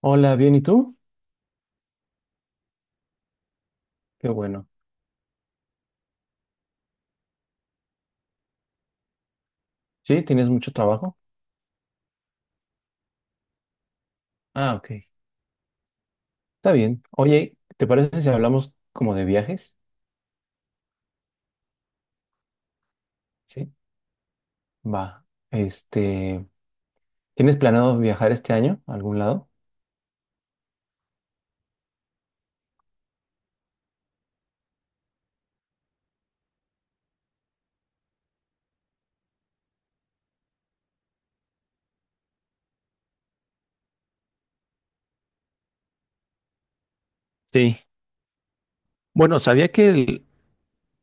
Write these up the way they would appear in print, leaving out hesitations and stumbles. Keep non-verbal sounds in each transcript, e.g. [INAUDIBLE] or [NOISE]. Hola, bien, ¿y tú? Qué bueno. ¿Sí? ¿Tienes mucho trabajo? Ah, ok. Está bien. Oye, ¿te parece si hablamos como de viajes? Sí. Va. Este, ¿Tienes planeado viajar este año a algún lado? Sí, bueno, sabía que el-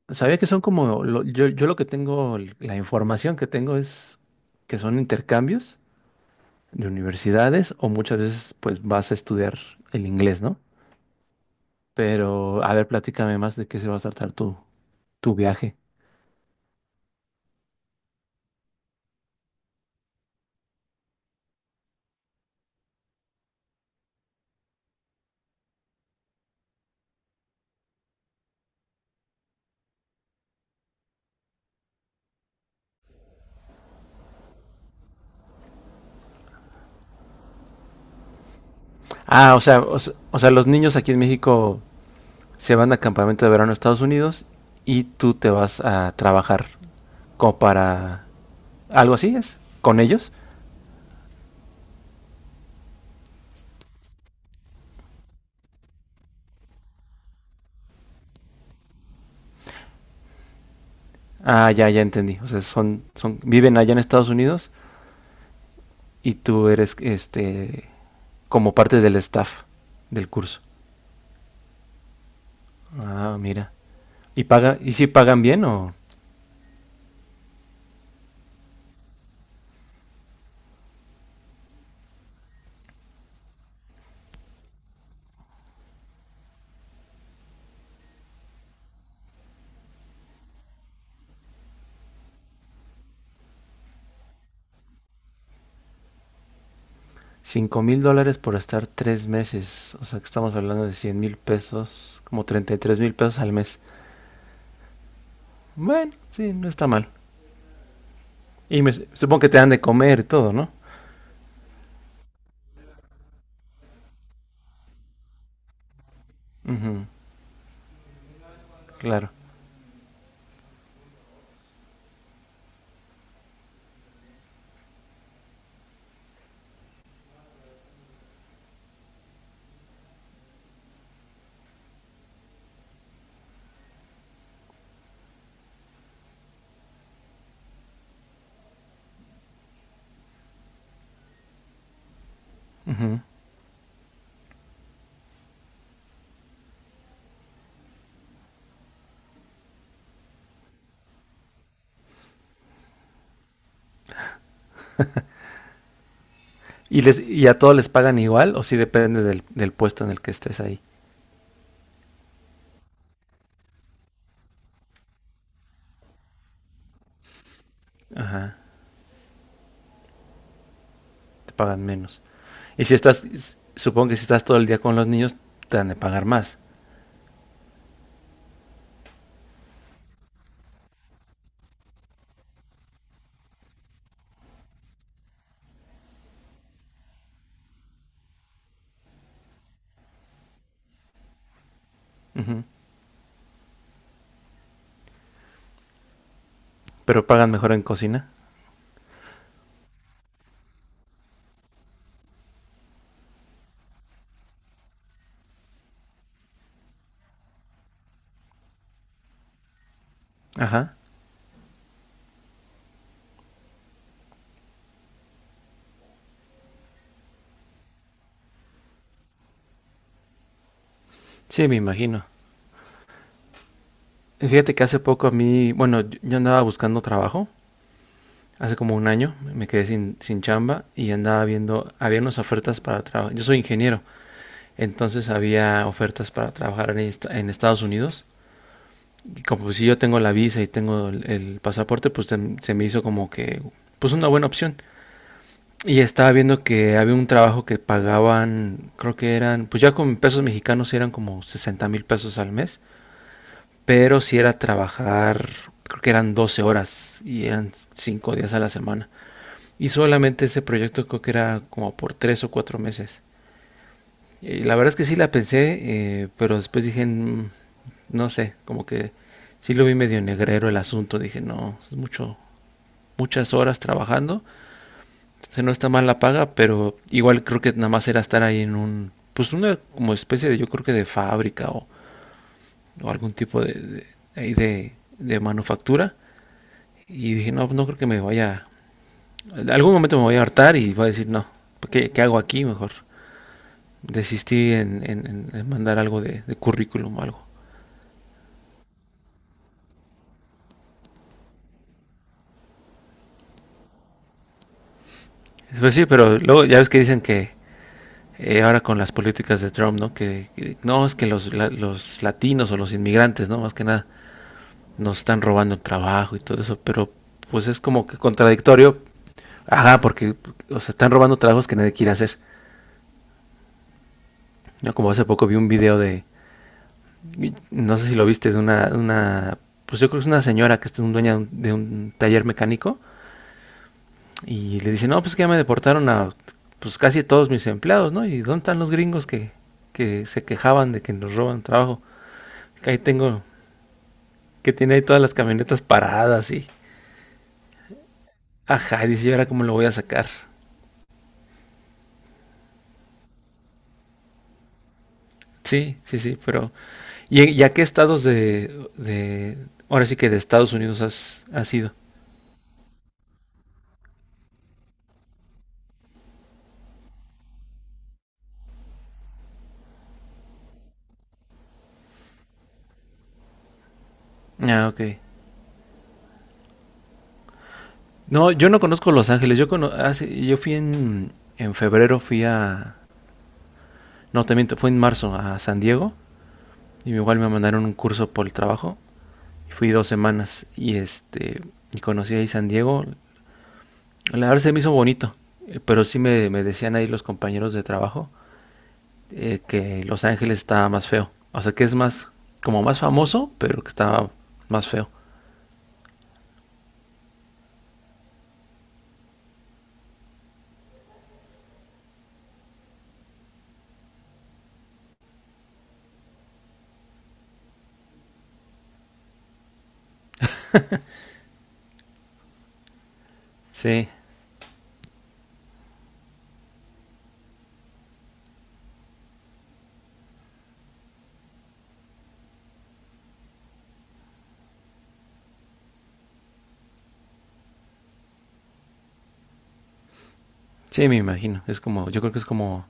sabía que son como yo lo que tengo, la información que tengo es que son intercambios de universidades o muchas veces pues vas a estudiar el inglés, ¿no? Pero a ver, platícame más de qué se va a tratar tu viaje. Ah, o sea, los niños aquí en México se van a campamento de verano a Estados Unidos y tú te vas a trabajar como para algo así es con ellos. Ah, ya, ya entendí. O sea, son, viven allá en Estados Unidos y tú eres, como parte del staff del curso. Ah, mira. Y si pagan bien o $5,000 por estar 3 meses. O sea, que estamos hablando de 100,000 pesos, como 33,000 pesos al mes. Bueno, sí, no está mal. Supongo que te dan de comer y todo, ¿no? Ujú, claro. Ujú. ¿Y a todos les pagan igual o si depende del puesto en el que estés ahí? Ajá, te pagan menos. Y si estás, s- supongo que si estás todo el día con los niños, te han de pagar más. Pero pagan mejor en cocina. Ajá. Sí, me imagino. Y fíjate que hace poco bueno, yo andaba buscando trabajo. Hace como un año me quedé sin chamba y andaba viendo, había unas ofertas para trabajo. Yo soy ingeniero. Entonces había ofertas para trabajar en Estados Unidos. Y como pues, si yo tengo la visa y tengo el pasaporte, pues se me hizo como que pues una buena opción. Y estaba viendo que había un trabajo que pagaban, creo que eran, pues ya con pesos mexicanos eran como 60,000 pesos al mes, pero si sí era trabajar, creo que eran 12 horas y eran 5 días a la semana. Y solamente ese proyecto creo que era como por 3 o 4 meses. Y la verdad es que sí la pensé, pero después dije, no sé, como que sí lo vi medio negrero el asunto. Dije, no, es mucho, muchas horas trabajando. Entonces no está mal la paga, pero igual creo que nada más era estar ahí en pues una como especie de, yo creo que de fábrica o algún tipo ahí de manufactura. Y dije, no, no creo que me vaya, en algún momento me voy a hartar y voy a decir, no, ¿qué hago aquí? Mejor desistí en mandar algo de currículum o algo. Pues sí, pero luego ya ves que dicen que ahora con las políticas de Trump, ¿no? Que no, es que los latinos o los inmigrantes, ¿no? Más que nada, nos están robando el trabajo y todo eso, pero pues es como que contradictorio. Ajá, porque, o sea, están robando trabajos que nadie quiere hacer. ¿No? Como hace poco vi un video de, no sé si lo viste, de una pues yo creo que es una señora que es un dueña de un, taller mecánico. Y le dice, no, pues que ya me deportaron a pues casi todos mis empleados, ¿no? ¿Y dónde están los gringos que se quejaban de que nos roban trabajo? Que ahí tengo, que tiene ahí todas las camionetas paradas. Y... Ajá, y dice, ¿y ahora cómo lo voy a sacar? Sí, sí, sí, pero. ¿Y a qué estados Ahora sí que de Estados Unidos has ido? Ah, ok. No, yo no conozco Los Ángeles. Yo fui en febrero, No, también fue en marzo a San Diego. Y igual me mandaron un curso por el trabajo. Fui 2 semanas y y conocí ahí San Diego. La verdad se me hizo bonito, pero sí me decían ahí los compañeros de trabajo que Los Ángeles estaba más feo. O sea, que es más, como más famoso, pero que estaba más feo. Sí, sí, me imagino. Es como, yo creo que es como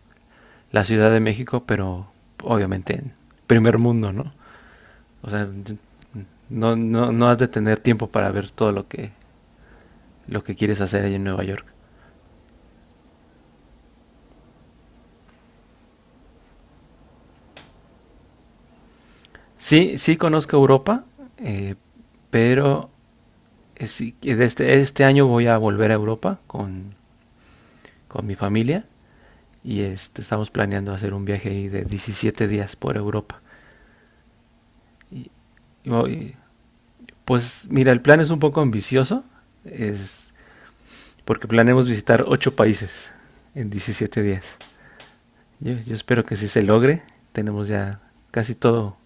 la Ciudad de México, pero obviamente en primer mundo, ¿no? O sea, no, no, no has de tener tiempo para ver todo lo que quieres hacer allá en Nueva York. Sí, sí conozco Europa, eh, pero sí, este año voy a volver a Europa con mi familia y estamos planeando hacer un viaje ahí de 17 días por Europa. Y pues mira, el plan es un poco ambicioso, es porque planeamos visitar 8 países en 17 días. Yo espero que sí se logre, tenemos ya casi todo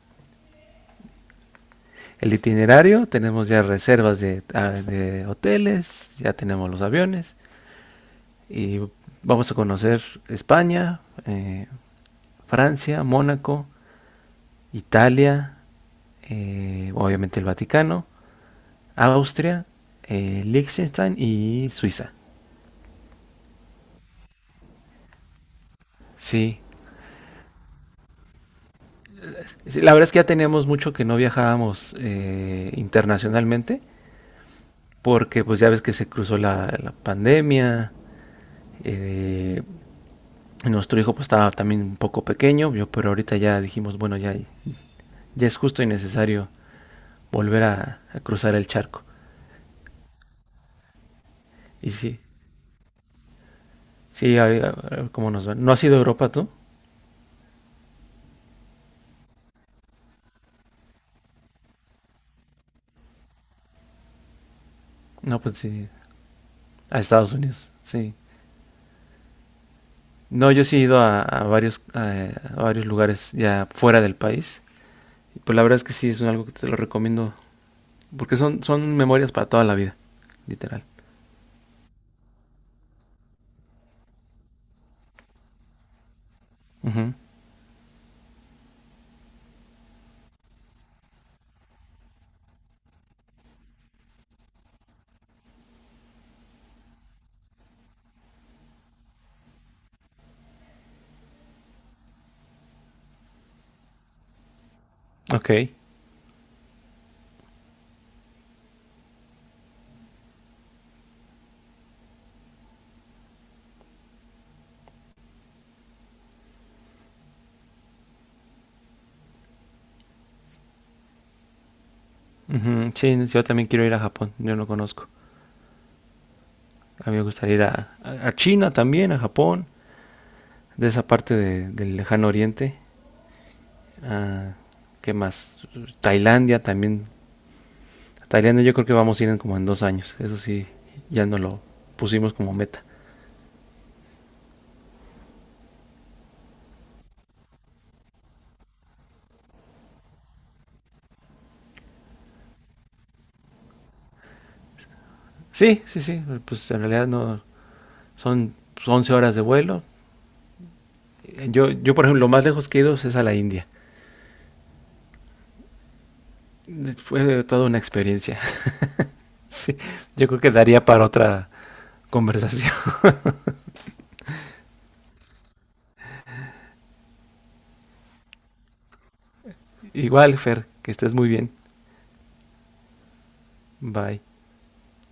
el itinerario, tenemos ya reservas de hoteles, ya tenemos los aviones y vamos a conocer España, eh, Francia, Mónaco, Italia, obviamente el Vaticano, Austria, Liechtenstein y Suiza. Sí, sí, la verdad es que ya teníamos mucho que no viajábamos internacionalmente porque pues ya ves que se cruzó la pandemia, eh, nuestro hijo pues estaba también un poco pequeño, pero ahorita ya dijimos, bueno, ya, ya es justo y necesario volver a cruzar el charco. Y sí, sí, a ver cómo nos va. ¿No has ido a Europa tú? No, pues sí, a Estados Unidos, sí. No, yo sí he ido a varios lugares ya fuera del país. Y pues la verdad es que sí, es algo que te lo recomiendo, porque son memorias para toda la vida, literal. Ujú, ok. Ujú, sí, yo también quiero ir a Japón. Yo no conozco. A mí me gustaría ir a China también, a Japón, de esa parte del lejano oriente. Ah, ¿qué más? Tailandia también. Tailandia yo creo que vamos a ir en 2 años. Eso sí, ya no lo pusimos como meta. Sí, sí, sí. Pues en realidad no son 11 horas de vuelo. Yo por ejemplo, lo más lejos que he ido es a la India. Fue toda una experiencia. [LAUGHS] Sí, yo creo que daría para otra conversación. [LAUGHS] Igual, Fer, que estés muy bien. Bye.